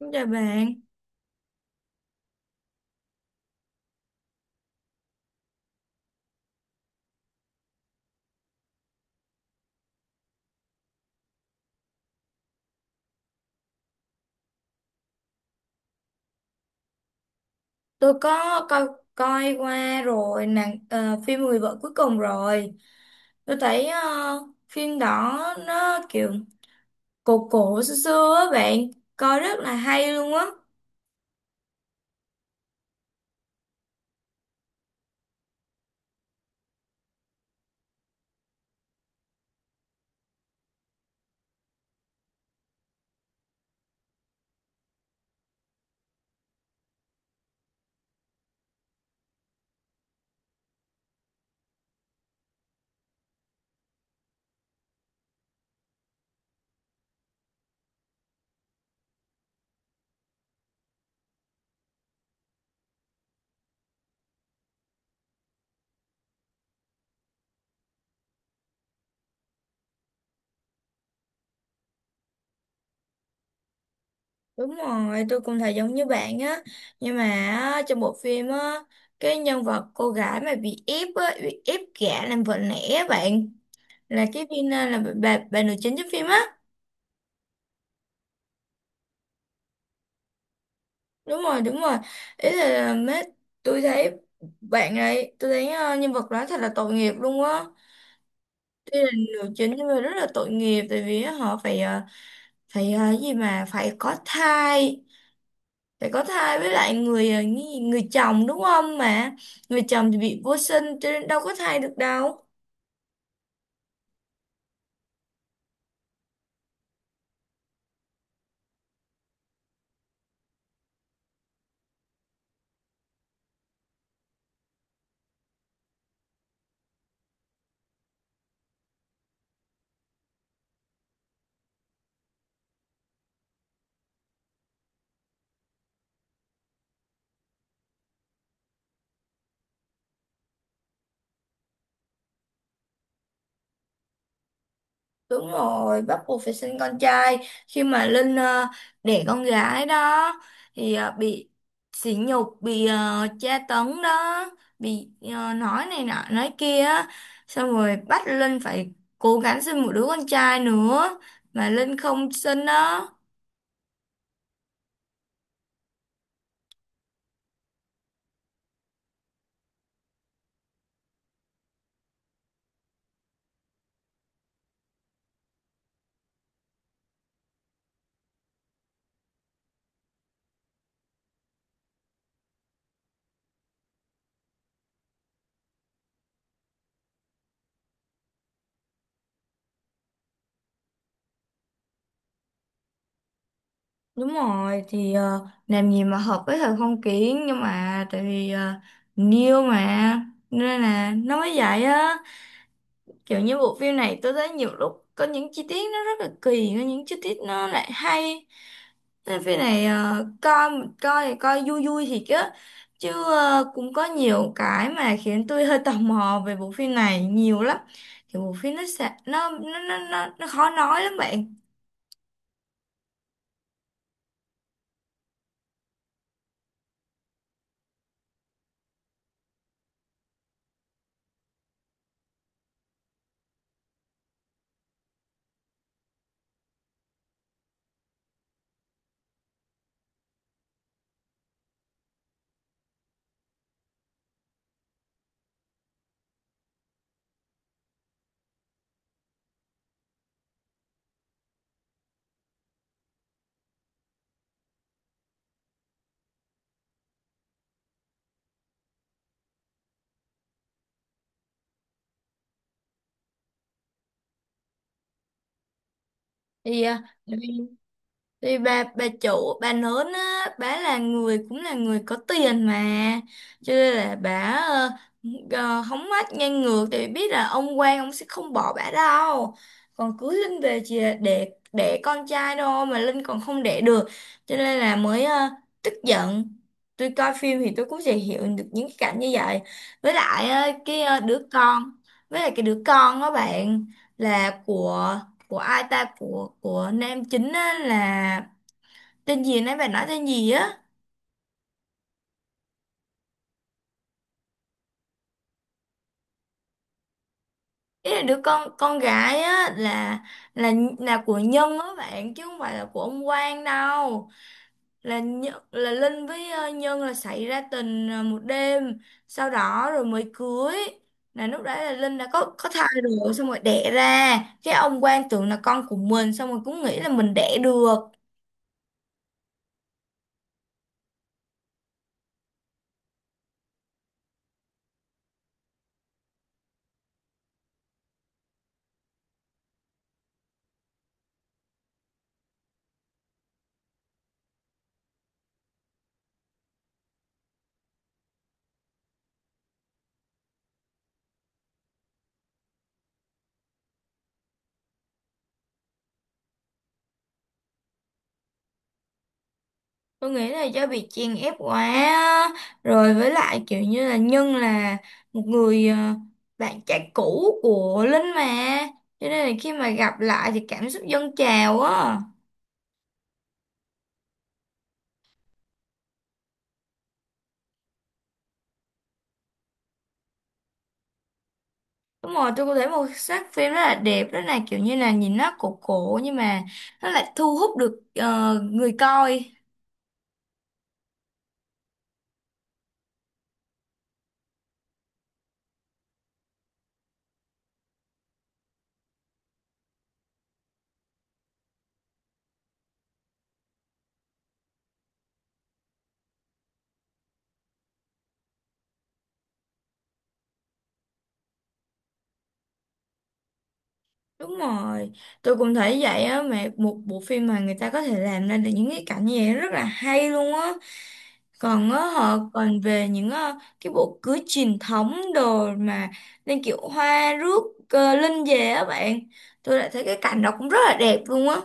Xin chào bạn, tôi có coi coi qua rồi nàng phim Người vợ cuối cùng rồi. Tôi thấy phim đó nó kiểu cổ cổ xưa xưa á bạn, coi rất là hay luôn á. Đúng rồi, tôi cũng thấy giống như bạn á. Nhưng mà á, trong bộ phim á, cái nhân vật cô gái mà bị ép gả làm vợ lẽ á bạn, là cái viên là bà nữ chính trong phim á. Đúng rồi, đúng rồi, ý là mấy tôi thấy bạn ấy tôi thấy nhân vật đó thật là tội nghiệp luôn á. Tuy là nữ chính nhưng mà rất là tội nghiệp, tại vì họ gì mà phải có thai với lại người chồng đúng không, mà người chồng thì bị vô sinh cho nên đâu có thai được đâu. Đúng rồi, bắt buộc phải sinh con trai. Khi mà Linh đẻ con gái đó thì bị sỉ nhục, bị tra tấn đó, bị nói này nọ, nói kia á. Xong rồi bắt Linh phải cố gắng sinh một đứa con trai nữa mà Linh không sinh đó. Đúng rồi, thì làm gì mà hợp với thời phong kiến, nhưng mà tại vì niêu mà nên là nó mới vậy á. Kiểu như bộ phim này tôi thấy nhiều lúc có những chi tiết nó rất là kỳ, có những chi tiết nó lại hay, nên phim này coi, coi thì coi vui vui thì chứ chứ cũng có nhiều cái mà khiến tôi hơi tò mò về bộ phim này nhiều lắm. Thì bộ phim nó sẽ nó khó nói lắm bạn. Thì à, Thì bà chủ bà lớn á, bà là người cũng là người có tiền mà, cho nên là bà ờ, hóng mát ngang ngược thì biết là ông Quang ông sẽ không bỏ bà đâu, còn cưới Linh về chỉ là để con trai thôi, mà Linh còn không đẻ được cho nên là mới tức giận. Tôi coi phim thì tôi cũng sẽ hiểu được những cái cảnh như vậy. với lại ờ, cái ờ, đứa con với lại cái đứa con đó bạn, là của ai ta, của nam chính á, là tên gì nãy bạn nói tên gì á. Ý là đứa con gái á, là là của Nhân á bạn, chứ không phải là của ông Quang đâu. Là là Linh với Nhân là xảy ra tình một đêm, sau đó rồi mới cưới, là lúc đấy là Linh đã có thai rồi, xong rồi đẻ ra cái ông Quang tưởng là con của mình, xong rồi cũng nghĩ là mình đẻ được. Tôi nghĩ là do bị chèn ép quá á. Rồi với lại kiểu như là Nhân là một người bạn trai cũ của Linh mà, cho nên là khi mà gặp lại thì cảm xúc dâng trào á. Đúng rồi, tôi có thấy một sắc phim rất là đẹp, rất là kiểu như là nhìn nó cổ cổ nhưng mà nó lại thu hút được người coi. Đúng rồi, tôi cũng thấy vậy á, mà một bộ phim mà người ta có thể làm ra được những cái cảnh như vậy rất là hay luôn á. Còn á, họ còn về những cái bộ cưới truyền thống đồ mà, lên kiểu hoa rước linh về á bạn. Tôi lại thấy cái cảnh đó cũng rất là đẹp luôn á.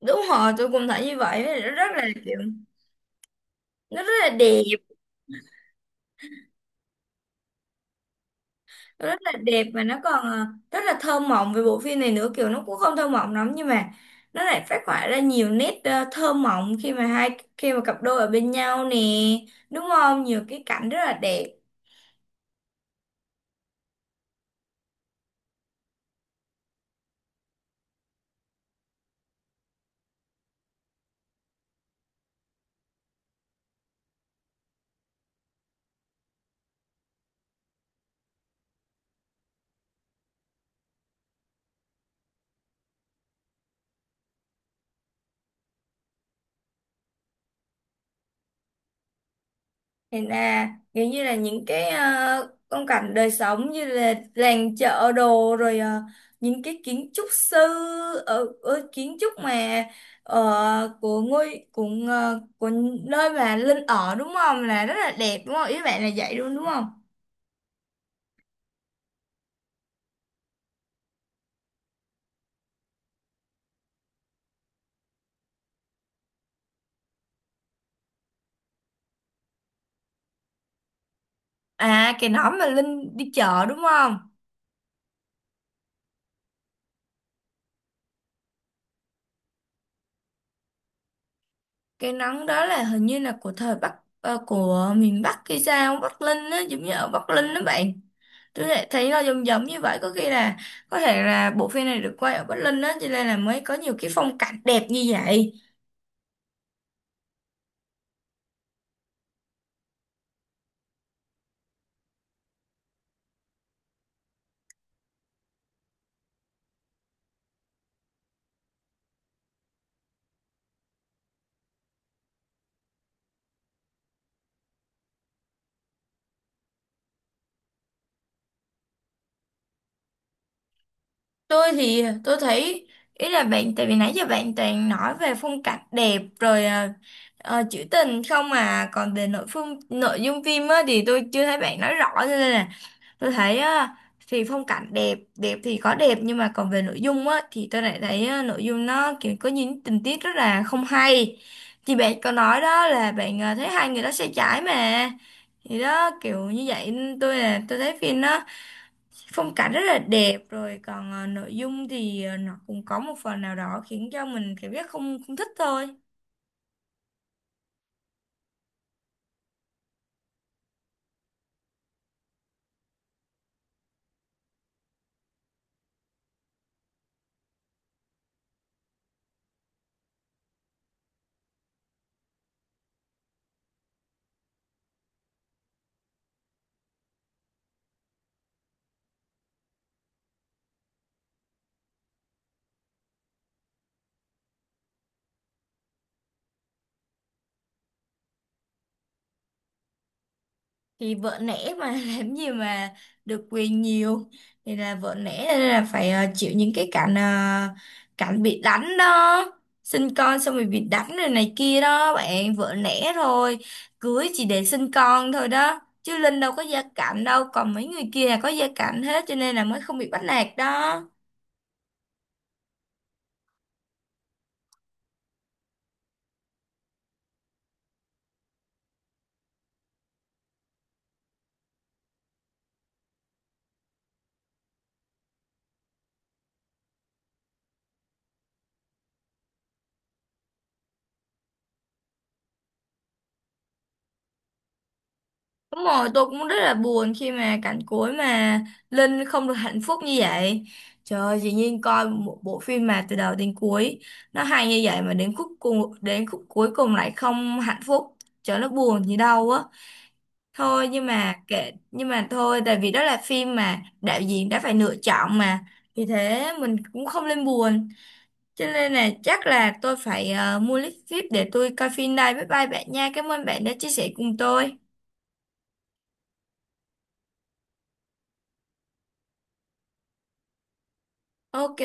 Đúng rồi, tôi cũng thấy như vậy, rất là kiểu, nó rất là đẹp. Rất là đẹp và nó còn rất là thơ mộng về bộ phim này nữa, kiểu nó cũng không thơ mộng lắm nhưng mà nó lại phát họa ra nhiều nét thơ mộng khi mà hai khi mà cặp đôi ở bên nhau nè, đúng không, nhiều cái cảnh rất là đẹp. Thì là kiểu như là những cái phong cảnh đời sống như là làng chợ đồ, rồi những cái kiến trúc sư, ở kiến trúc mà của ngôi của ờ, của nơi mà Linh ở, đúng không, là rất là đẹp đúng không, ý bạn là vậy luôn đúng không? À, cái nón mà Linh đi chợ đúng không? Cái nón đó là hình như là của miền Bắc hay sao, Bắc Linh á, giống như ở Bắc Linh đó bạn. Tôi lại thấy nó giống giống như vậy, có khi là có thể là bộ phim này được quay ở Bắc Linh á, cho nên là mới có nhiều cái phong cảnh đẹp như vậy. Tôi thì tôi thấy, ý là bạn, tại vì nãy giờ bạn toàn nói về phong cảnh đẹp rồi trữ tình không, mà còn về nội dung phim á thì tôi chưa thấy bạn nói rõ, cho nên là tôi thấy á, thì phong cảnh đẹp đẹp thì có đẹp nhưng mà còn về nội dung á thì tôi lại thấy á, nội dung nó kiểu có những tình tiết rất là không hay. Thì bạn có nói đó là, bạn à, thấy hai người đó sai trái mà, thì đó kiểu như vậy nên tôi là tôi thấy phim nó, phong cảnh rất là đẹp rồi, còn à, nội dung thì à, nó cũng có một phần nào đó khiến cho mình cảm giác không không thích thôi. Thì vợ nể mà làm gì mà được quyền nhiều, thì là vợ nể nên là phải chịu những cái cảnh bị đánh đó, sinh con xong rồi bị đánh rồi này kia đó bạn, vợ nể thôi, cưới chỉ để sinh con thôi đó, chứ Linh đâu có gia cảnh đâu, còn mấy người kia là có gia cảnh hết cho nên là mới không bị bắt nạt đó. Đúng rồi, tôi cũng rất là buồn khi mà cảnh cuối mà Linh không được hạnh phúc như vậy. Trời ơi, dĩ nhiên coi một bộ phim mà từ đầu đến cuối nó hay như vậy mà đến khúc cuối cùng lại không hạnh phúc. Trời ơi, nó buồn gì đâu á. Thôi nhưng mà kệ, nhưng mà thôi, tại vì đó là phim mà đạo diễn đã phải lựa chọn mà. Vì thế mình cũng không nên buồn. Cho nên là chắc là tôi phải mua lít phíp để tôi coi phim đây. Bye bye bạn nha. Cảm ơn bạn đã chia sẻ cùng tôi. Ok.